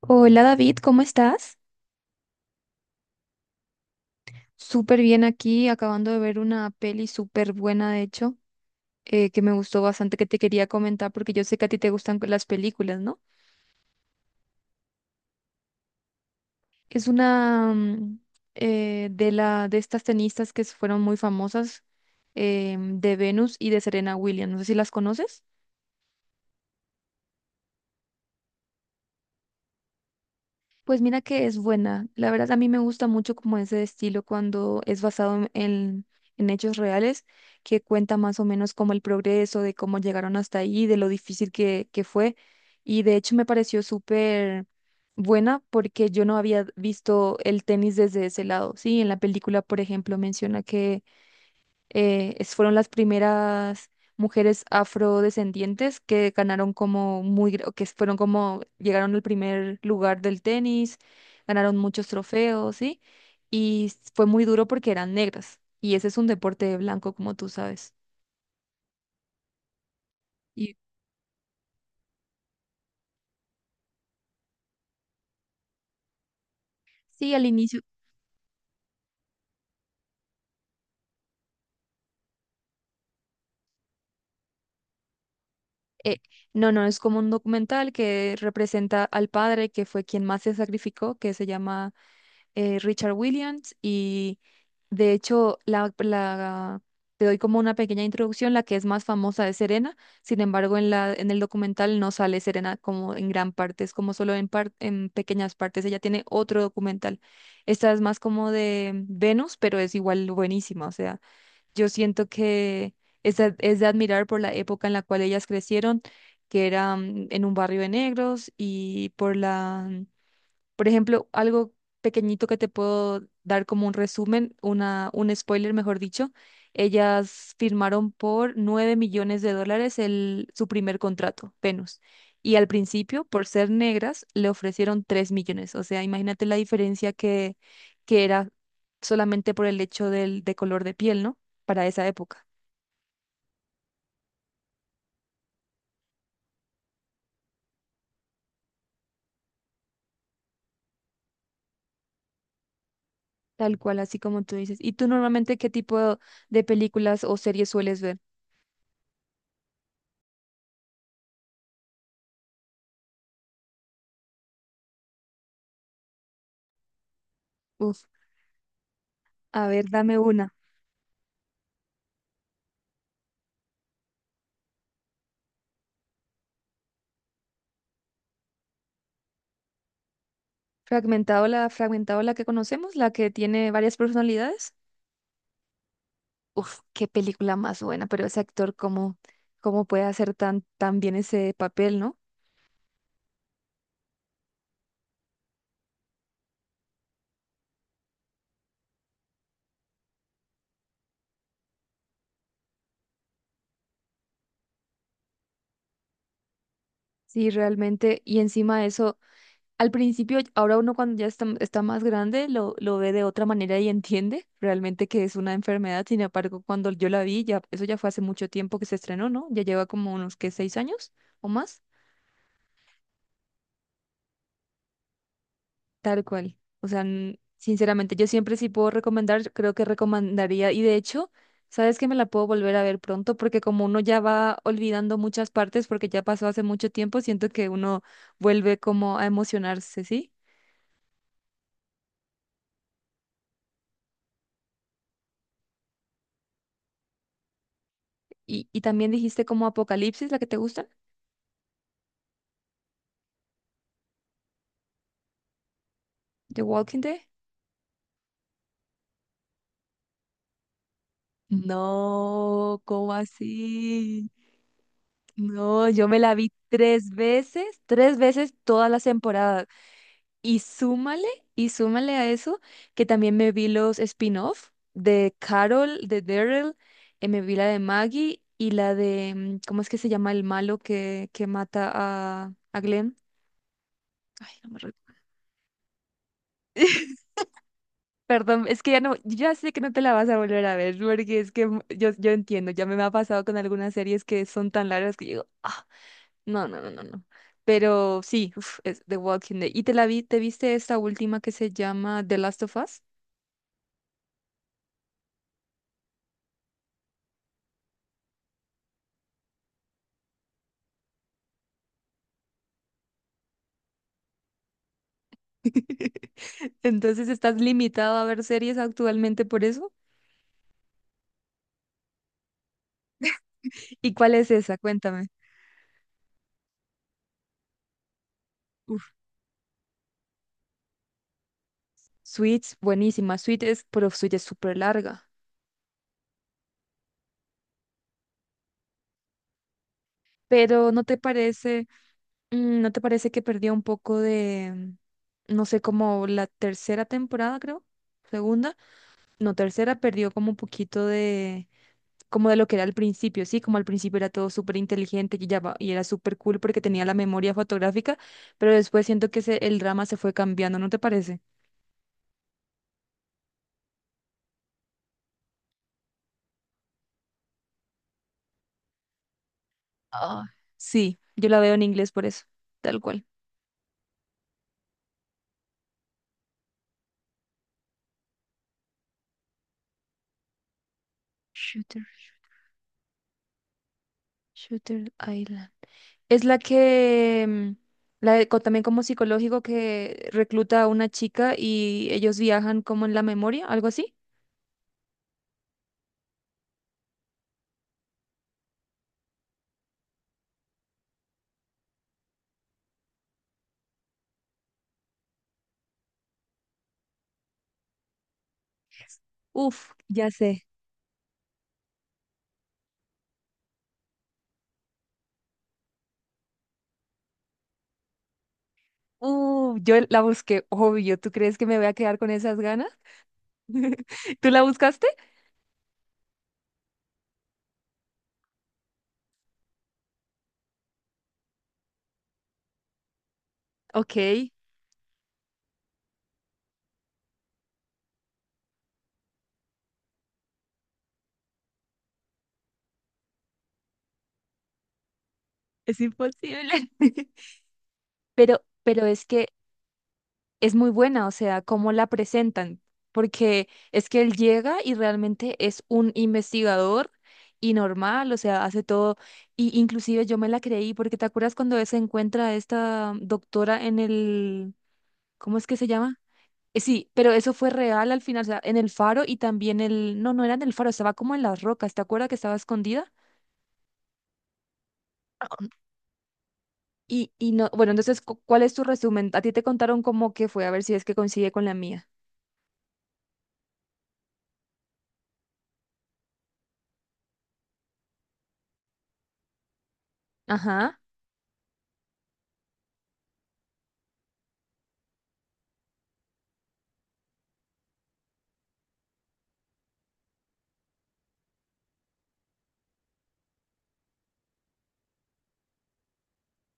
Hola David, ¿cómo estás? Súper bien aquí, acabando de ver una peli súper buena, de hecho, que me gustó bastante, que te quería comentar porque yo sé que a ti te gustan las películas, ¿no? Es una de estas tenistas que fueron muy famosas, de Venus y de Serena Williams. No sé si las conoces. Pues mira que es buena. La verdad a mí me gusta mucho como ese estilo cuando es basado en hechos reales, que cuenta más o menos como el progreso, de cómo llegaron hasta ahí, de lo difícil que fue. Y de hecho me pareció súper buena porque yo no había visto el tenis desde ese lado. Sí, en la película, por ejemplo, menciona fueron las primeras mujeres afrodescendientes que ganaron como muy, que fueron como, llegaron al primer lugar del tenis, ganaron muchos trofeos, ¿sí? Y fue muy duro porque eran negras. Y ese es un deporte de blanco, como tú sabes. Y sí, al inicio, eh, no, no, es como un documental que representa al padre que fue quien más se sacrificó, que se llama Richard Williams. De hecho, te doy como una pequeña introducción. La que es más famosa es Serena. Sin embargo, en en el documental no sale Serena como en gran parte, es como solo en pequeñas partes. Ella tiene otro documental. Esta es más como de Venus, pero es igual buenísima. O sea, yo siento que es de admirar por la época en la cual ellas crecieron, que era en un barrio de negros. Y por ejemplo, algo pequeñito que te puedo dar como un resumen, un spoiler, mejor dicho. Ellas firmaron por 9 millones de dólares su primer contrato, Venus. Y al principio, por ser negras, le ofrecieron 3 millones. O sea, imagínate la diferencia que era solamente por el hecho de color de piel, ¿no? Para esa época. Tal cual, así como tú dices. ¿Y tú normalmente qué tipo de películas o series sueles ver? Uf, a ver, dame una. Fragmentado la, que conocemos, la que tiene varias personalidades. Uf, qué película más buena. Pero ese actor, ¿cómo puede hacer tan, tan bien ese papel, no? Sí, realmente, y encima de eso, al principio, ahora uno cuando ya está más grande, lo ve de otra manera y entiende realmente que es una enfermedad. Sin embargo, cuando yo la vi, ya, eso ya fue hace mucho tiempo que se estrenó, ¿no? Ya lleva como unos, ¿qué? ¿6 años o más? Tal cual. O sea, sinceramente, yo siempre sí puedo recomendar, creo que recomendaría, y de hecho, sabes que me la puedo volver a ver pronto, porque como uno ya va olvidando muchas partes, porque ya pasó hace mucho tiempo, siento que uno vuelve como a emocionarse, ¿sí? Y también dijiste como Apocalipsis, la que te gusta, The Walking Dead. No, ¿cómo así? No, yo me la vi tres veces todas las temporadas. Y súmale, y súmale, a eso que también me vi los spin-off de Carol, de Daryl, me vi la de Maggie y la de, ¿cómo es que se llama el malo que mata a Glenn? Ay, no me recuerdo. Perdón, es que ya sé que no te la vas a volver a ver, porque es que yo entiendo, ya me ha pasado con algunas series que son tan largas que digo, ah, no, no, no, no, no. Pero sí, uf, es The Walking Dead. ¿Y te viste esta última que se llama The Last of Us? Entonces, ¿estás limitado a ver series actualmente por eso? ¿Y cuál es esa? Cuéntame. Uf, Suits, buenísima. Pero Suits es súper larga. Pero ¿no te parece que perdió un poco de, no sé, como la tercera temporada, creo? Segunda, no, tercera perdió como un poquito de, como de lo que era al principio, sí, como al principio era todo súper inteligente y y era súper cool porque tenía la memoria fotográfica, pero después siento que el drama se fue cambiando, ¿no te parece? Ah, sí, yo la veo en inglés por eso, tal cual. Shooter, Shooter Island. Es la que, también como psicológico que recluta a una chica y ellos viajan como en la memoria, algo así. Uf, ya sé. Yo la busqué, obvio. ¿Tú crees que me voy a quedar con esas ganas? ¿Tú la buscaste? Ok, es imposible. Pero, pero es que es muy buena. O sea, cómo la presentan, porque es que él llega y realmente es un investigador y normal, o sea, hace todo, y inclusive yo me la creí, porque ¿te acuerdas cuando se encuentra esta doctora en el, ¿cómo es que se llama? Sí, pero eso fue real al final, o sea, en el faro y también no, no era en el faro, estaba como en las rocas, ¿te acuerdas que estaba escondida? Y no, bueno, entonces, ¿cuál es tu resumen? A ti te contaron cómo que fue, a ver si es que coincide con la mía. Ajá,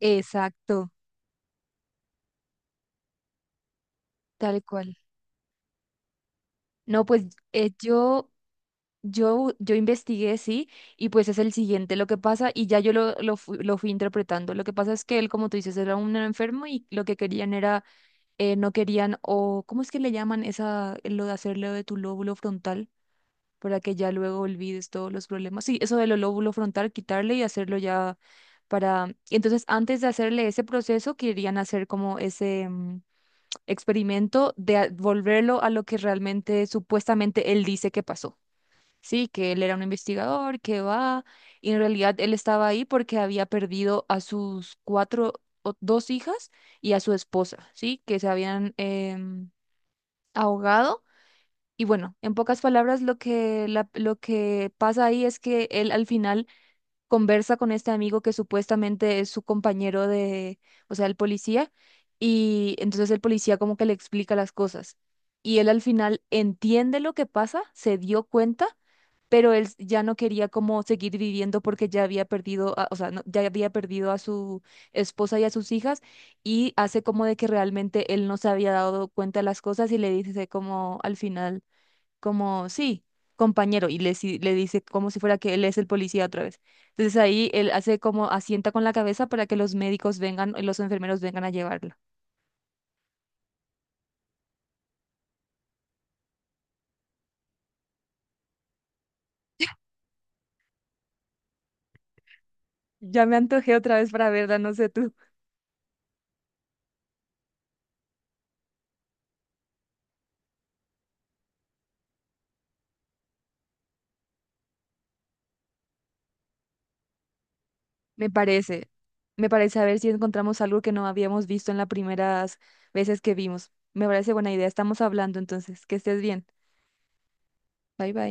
exacto. Tal cual. No, pues eh, yo, yo investigué, sí, y pues es el siguiente lo que pasa, y ya yo lo fui interpretando. Lo que pasa es que él, como tú dices, era un enfermo y lo que querían era, no querían, o ¿cómo es que le llaman esa, lo de hacerle de tu lóbulo frontal para que ya luego olvides todos los problemas? Sí, eso del lóbulo frontal, quitarle y hacerlo ya para. Entonces, antes de hacerle ese proceso, querían hacer como ese experimento de volverlo a lo que realmente supuestamente él dice que pasó. Sí, que él era un investigador, que va, y en realidad él estaba ahí porque había perdido a sus cuatro o dos hijas y a su esposa, sí, que se habían ahogado. Y bueno, en pocas palabras, lo que pasa ahí es que él al final conversa con este amigo que supuestamente es su compañero de, o sea, el policía, y entonces el policía como que le explica las cosas. Y él al final entiende lo que pasa, se dio cuenta, pero él ya no quería como seguir viviendo porque ya había perdido, o sea, ya había perdido a su esposa y a sus hijas, y hace como de que realmente él no se había dado cuenta de las cosas y le dice como al final como, sí, compañero, y le dice como si fuera que él es el policía otra vez. Entonces ahí él hace como asienta con la cabeza para que los médicos vengan, los enfermeros vengan a llevarla. Ya me antojé otra vez para verla, no sé tú. Me parece, me parece, a ver si encontramos algo que no habíamos visto en las primeras veces que vimos. Me parece buena idea, estamos hablando entonces, que estés bien. Bye bye.